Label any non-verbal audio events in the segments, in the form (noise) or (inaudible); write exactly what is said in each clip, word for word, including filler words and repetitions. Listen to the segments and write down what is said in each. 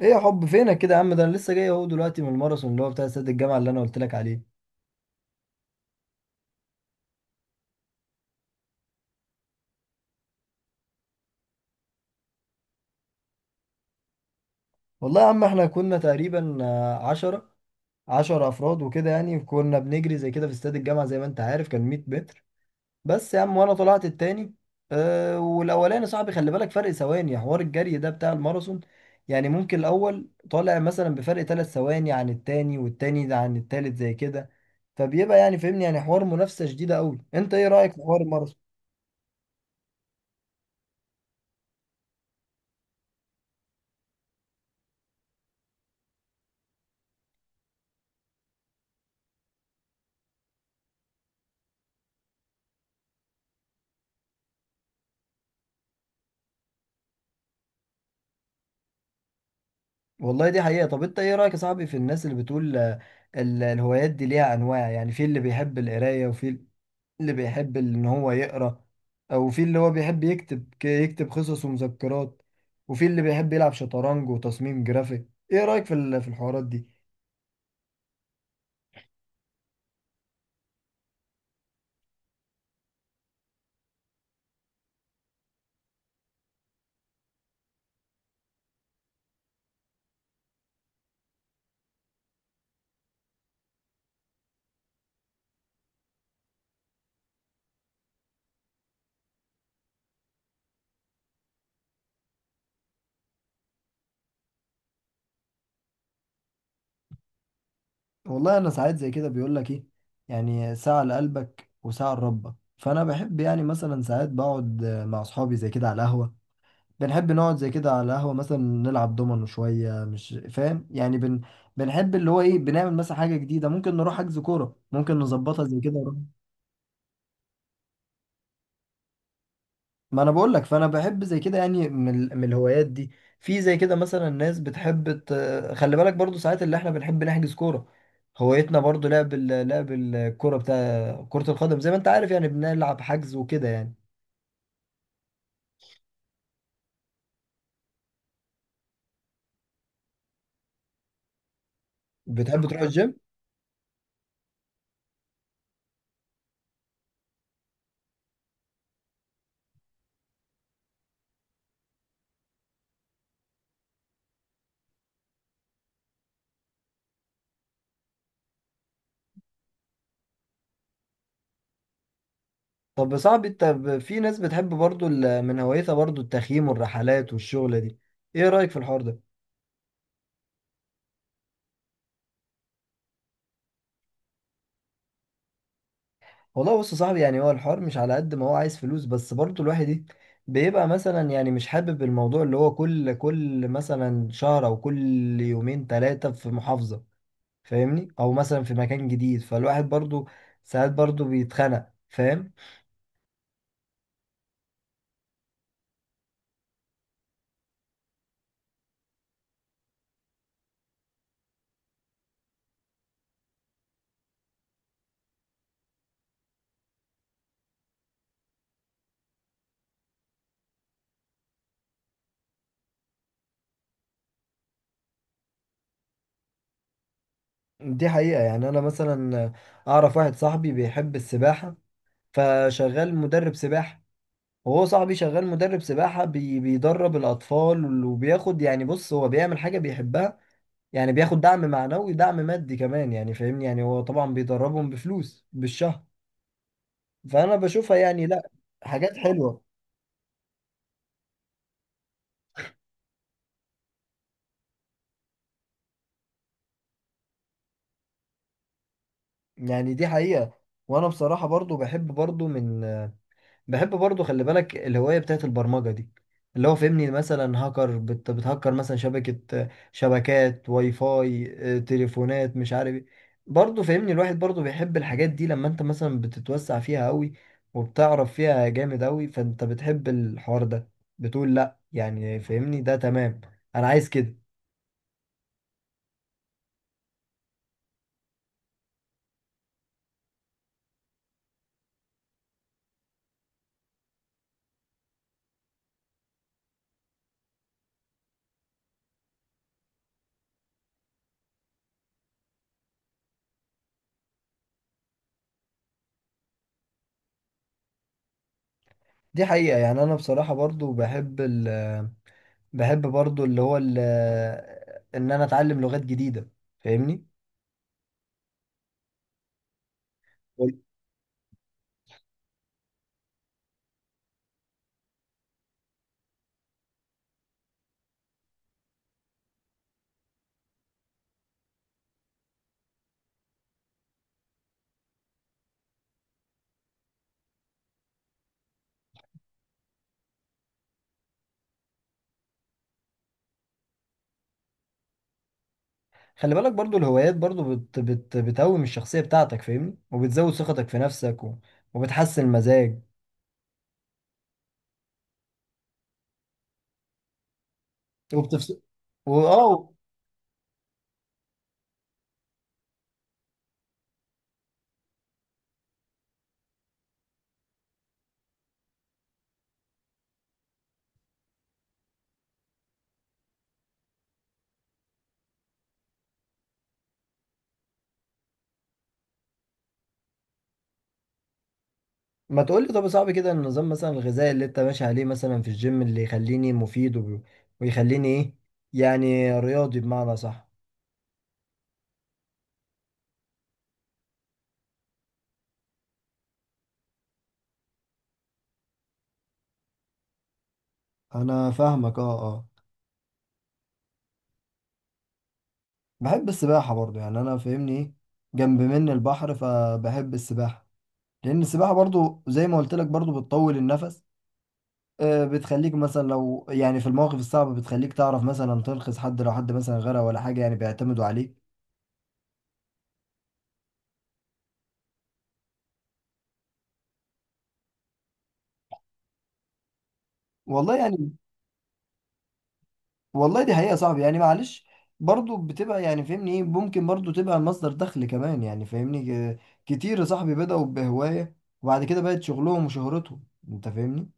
ايه يا حب فينك كده يا عم؟ ده انا لسه جاي اهو دلوقتي من الماراثون اللي هو بتاع استاد الجامعه اللي انا قلت لك عليه. والله يا عم احنا كنا تقريبا آه، عشرة، عشرة افراد وكده، يعني كنا بنجري زي كده في استاد الجامعه، زي ما انت عارف، كان مية متر بس يا عم. وانا طلعت التاني، أه، والاولاني صاحبي. خلي بالك فرق ثواني، حوار الجري ده بتاع الماراثون يعني ممكن الاول طالع مثلا بفرق ثلاث ثواني عن التاني، والتاني ده عن التالت زي كده. فبيبقى يعني فهمني، يعني حوار منافسه شديده قوي. انت ايه رايك في حوار؟ والله دي حقيقة. طب انت ايه رأيك يا صاحبي في الناس اللي بتقول آه، ال- الهوايات دي ليها انواع؟ يعني في اللي بيحب القراية، وفي اللي بيحب ان هو يقرأ، او في اللي هو بيحب يكتب ك- يكتب قصص ومذكرات، وفي اللي بيحب يلعب شطرنج وتصميم جرافيك. ايه رأيك في ال- في الحوارات دي؟ والله انا ساعات زي كده بيقول لك ايه، يعني ساعة لقلبك وساعة لربك. فانا بحب يعني مثلا ساعات بقعد آه، مع اصحابي زي كده على القهوة. ده نحب نقعد زي كده على القهوة، مثلا نلعب دومينو شوية، مش فاهم يعني بن... بنحب اللي هو ايه، بنعمل مثلا حاجة جديدة، ممكن نروح حجز كورة، ممكن نظبطها زي كده ونروح- ما انا بقول لك، فانا بحب زي كده، يعني من, ال- من الهوايات دي. في زي كده مثلا ناس بتحب ت... خلي بالك برضو ساعات اللي احنا بنحب نحجز كورة، هوايتنا برضو لعب ال... لعب الكورة، بتاع كرة القدم زي ما انت عارف، يعني بنلعب حجز وكده يعني. بتحب تروح (laughs) الجيم؟ طب يا صاحبي انت ب- في ناس بتحب برضو ال- من هوايتها برضو التخييم والرحلات والشغلة دي، ايه رأيك في الحوار ده؟ والله بص يا صاحبي، يعني هو الحوار مش على قد ما هو عايز فلوس، بس برضو الواحد ايه، بيبقى مثلا يعني مش حابب الموضوع اللي هو كل كل مثلا شهر، او كل يومين ثلاثة في محافظة، فاهمني، او مثلا في مكان جديد. فالواحد برضو ساعات برضو بيتخنق، فاهم؟ دي حقيقة. يعني انا مثلا اعرف واحد صاحبي بيحب السباحة، فشغال مدرب سباحة. وهو صاحبي شغال مدرب سباحة، بي بيدرب الأطفال وبياخد، يعني بص هو بيعمل حاجة بيحبها، يعني بياخد دعم معنوي دعم مادي كمان، يعني فاهمني، يعني هو طبعا بيدربهم بفلوس بالشهر. فأنا بشوفها يعني لا، حاجات حلوة يعني. دي حقيقة. وأنا بصراحة برضو بحب برضو من، بحب برضو خلي بالك الهواية بتاعت البرمجة دي، اللي هو فهمني مثلا هاكر بت- بتهكر مثلا شبكة، شبكات واي فاي، آه، تليفونات، مش عارف ايه. برضو فهمني الواحد برضو بيحب الحاجات دي لما انت مثلا بتتوسع فيها قوي وبتعرف فيها جامد قوي، فانت بتحب الحوار ده، بتقول لا يعني فهمني ده تمام، انا عايز كده. دي حقيقة. يعني انا بصراحة برضو بحب ال، بحب برضو اللي هو ال، ان انا اتعلم لغات جديدة، فاهمني. خلي بالك برضو الهوايات برضو بت بت بتقوم الشخصية بتاعتك، فاهمني، وبتزود ثقتك في نفسك و... وبتحسن المزاج وبتفس واه. ما تقول لي طب يا صاحبي كده النظام مثلا الغذائي اللي انت ماشي عليه مثلا في الجيم، اللي يخليني مفيد وب... ويخليني ايه، يعني رياضي بمعنى صح. انا فاهمك، اه اه. بحب السباحة برضو، يعني انا فاهمني ايه، جنب مني البحر فبحب السباحة، لان السباحة برضو زي ما قلت لك برضو بتطول النفس. آه، بتخليك مثلا لو يعني في المواقف الصعبة بتخليك تعرف مثلا تنقذ حد، لو حد مثلا غرق ولا حاجة يعني بيعتمدوا عليك. والله يعني، والله دي حقيقة يا صاحبي، يعني معلش برضو بتبقى يعني فاهمني ايه، ممكن برضو تبقى مصدر دخل كمان يعني فاهمني. آه، كتير يا صاحبي بدأوا بهواية وبعد كده بقت شغلهم وشهرتهم، انت فاهمني.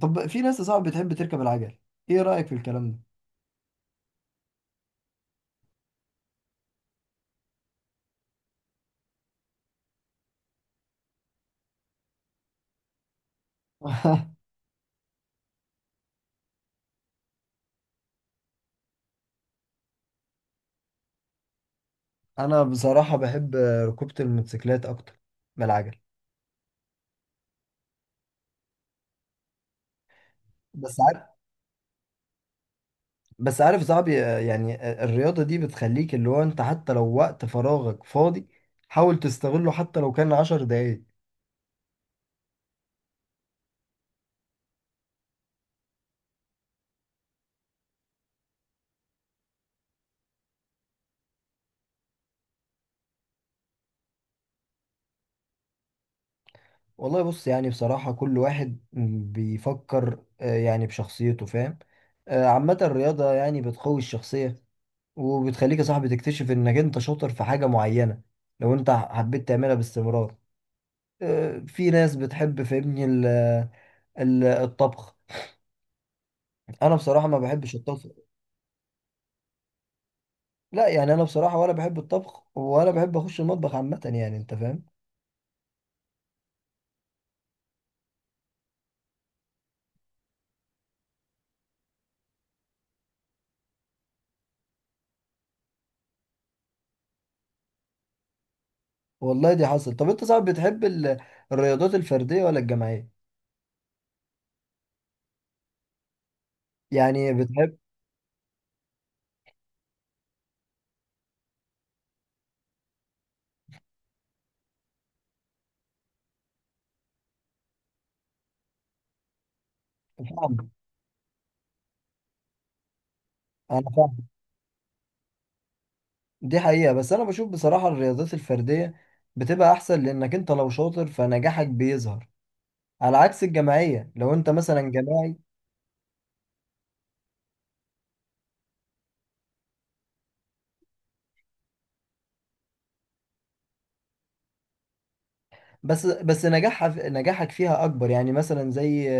طب في ناس يا صاحبي بتحب تركب العجل، ايه رأيك في الكلام ده؟ (laughs) انا بصراحة بحب ركوبة الموتوسيكلات اكتر من العجل. بس بس عارف صعب، آه، يعني آه، الرياضة دي بتخليك اللي هو انت حتى لو وقت فراغك فاضي حاول تستغله، حتى لو كان عشر دقايق. والله بص، يعني بصراحة كل واحد بيفكر آه، يعني بشخصيته، فاهم. آه، عامة الرياضة يعني بتقوي الشخصية وبتخليك يا صاحبي تكتشف انك انت شاطر في حاجة معينة لو انت حبيت تعملها باستمرار. آه، في ناس بتحب فاهمني ال- ال- الطبخ. انا بصراحة ما بحبش الطبخ. لا، يعني انا بصراحه ولا بحب الطبخ ولا بحب اخش المطبخ عامه، يعني انت فاهم. والله دي حصل. طب انت صعب بتحب ال- الرياضات الفرديه ولا الجماعيه؟ يعني بتحب، فاهم؟ انا فاهم. دي حقيقه. بس انا بشوف بصراحه الرياضات الفرديه بتبقى احسن، لانك انت لو شاطر فنجاحك بيظهر، على عكس الجماعيه لو انت مثلا جماعي. بس بس نجاحها نجاحك فيها اكبر، يعني مثلا زي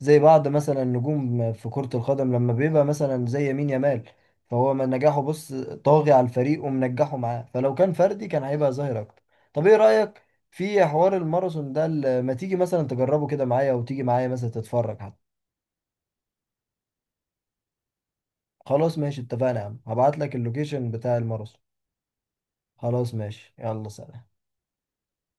زي بعض مثلا نجوم في كرة القدم لما بيبقى مثلا زي يمين يامال، فهو من نجاحه بص طاغي على الفريق ومنجحه معاه، فلو كان فردي كان هيبقى ظاهر اكتر. طب ايه رأيك في حوار الماراثون ده؟ ال- ما تيجي مثلا تجربه كده معايا، وتيجي معايا مثلا تتفرج حتى. خلاص ماشي، اتفقنا يا عم، هبعت لك اللوكيشن بتاع الماراثون. خلاص ماشي يلا سلام.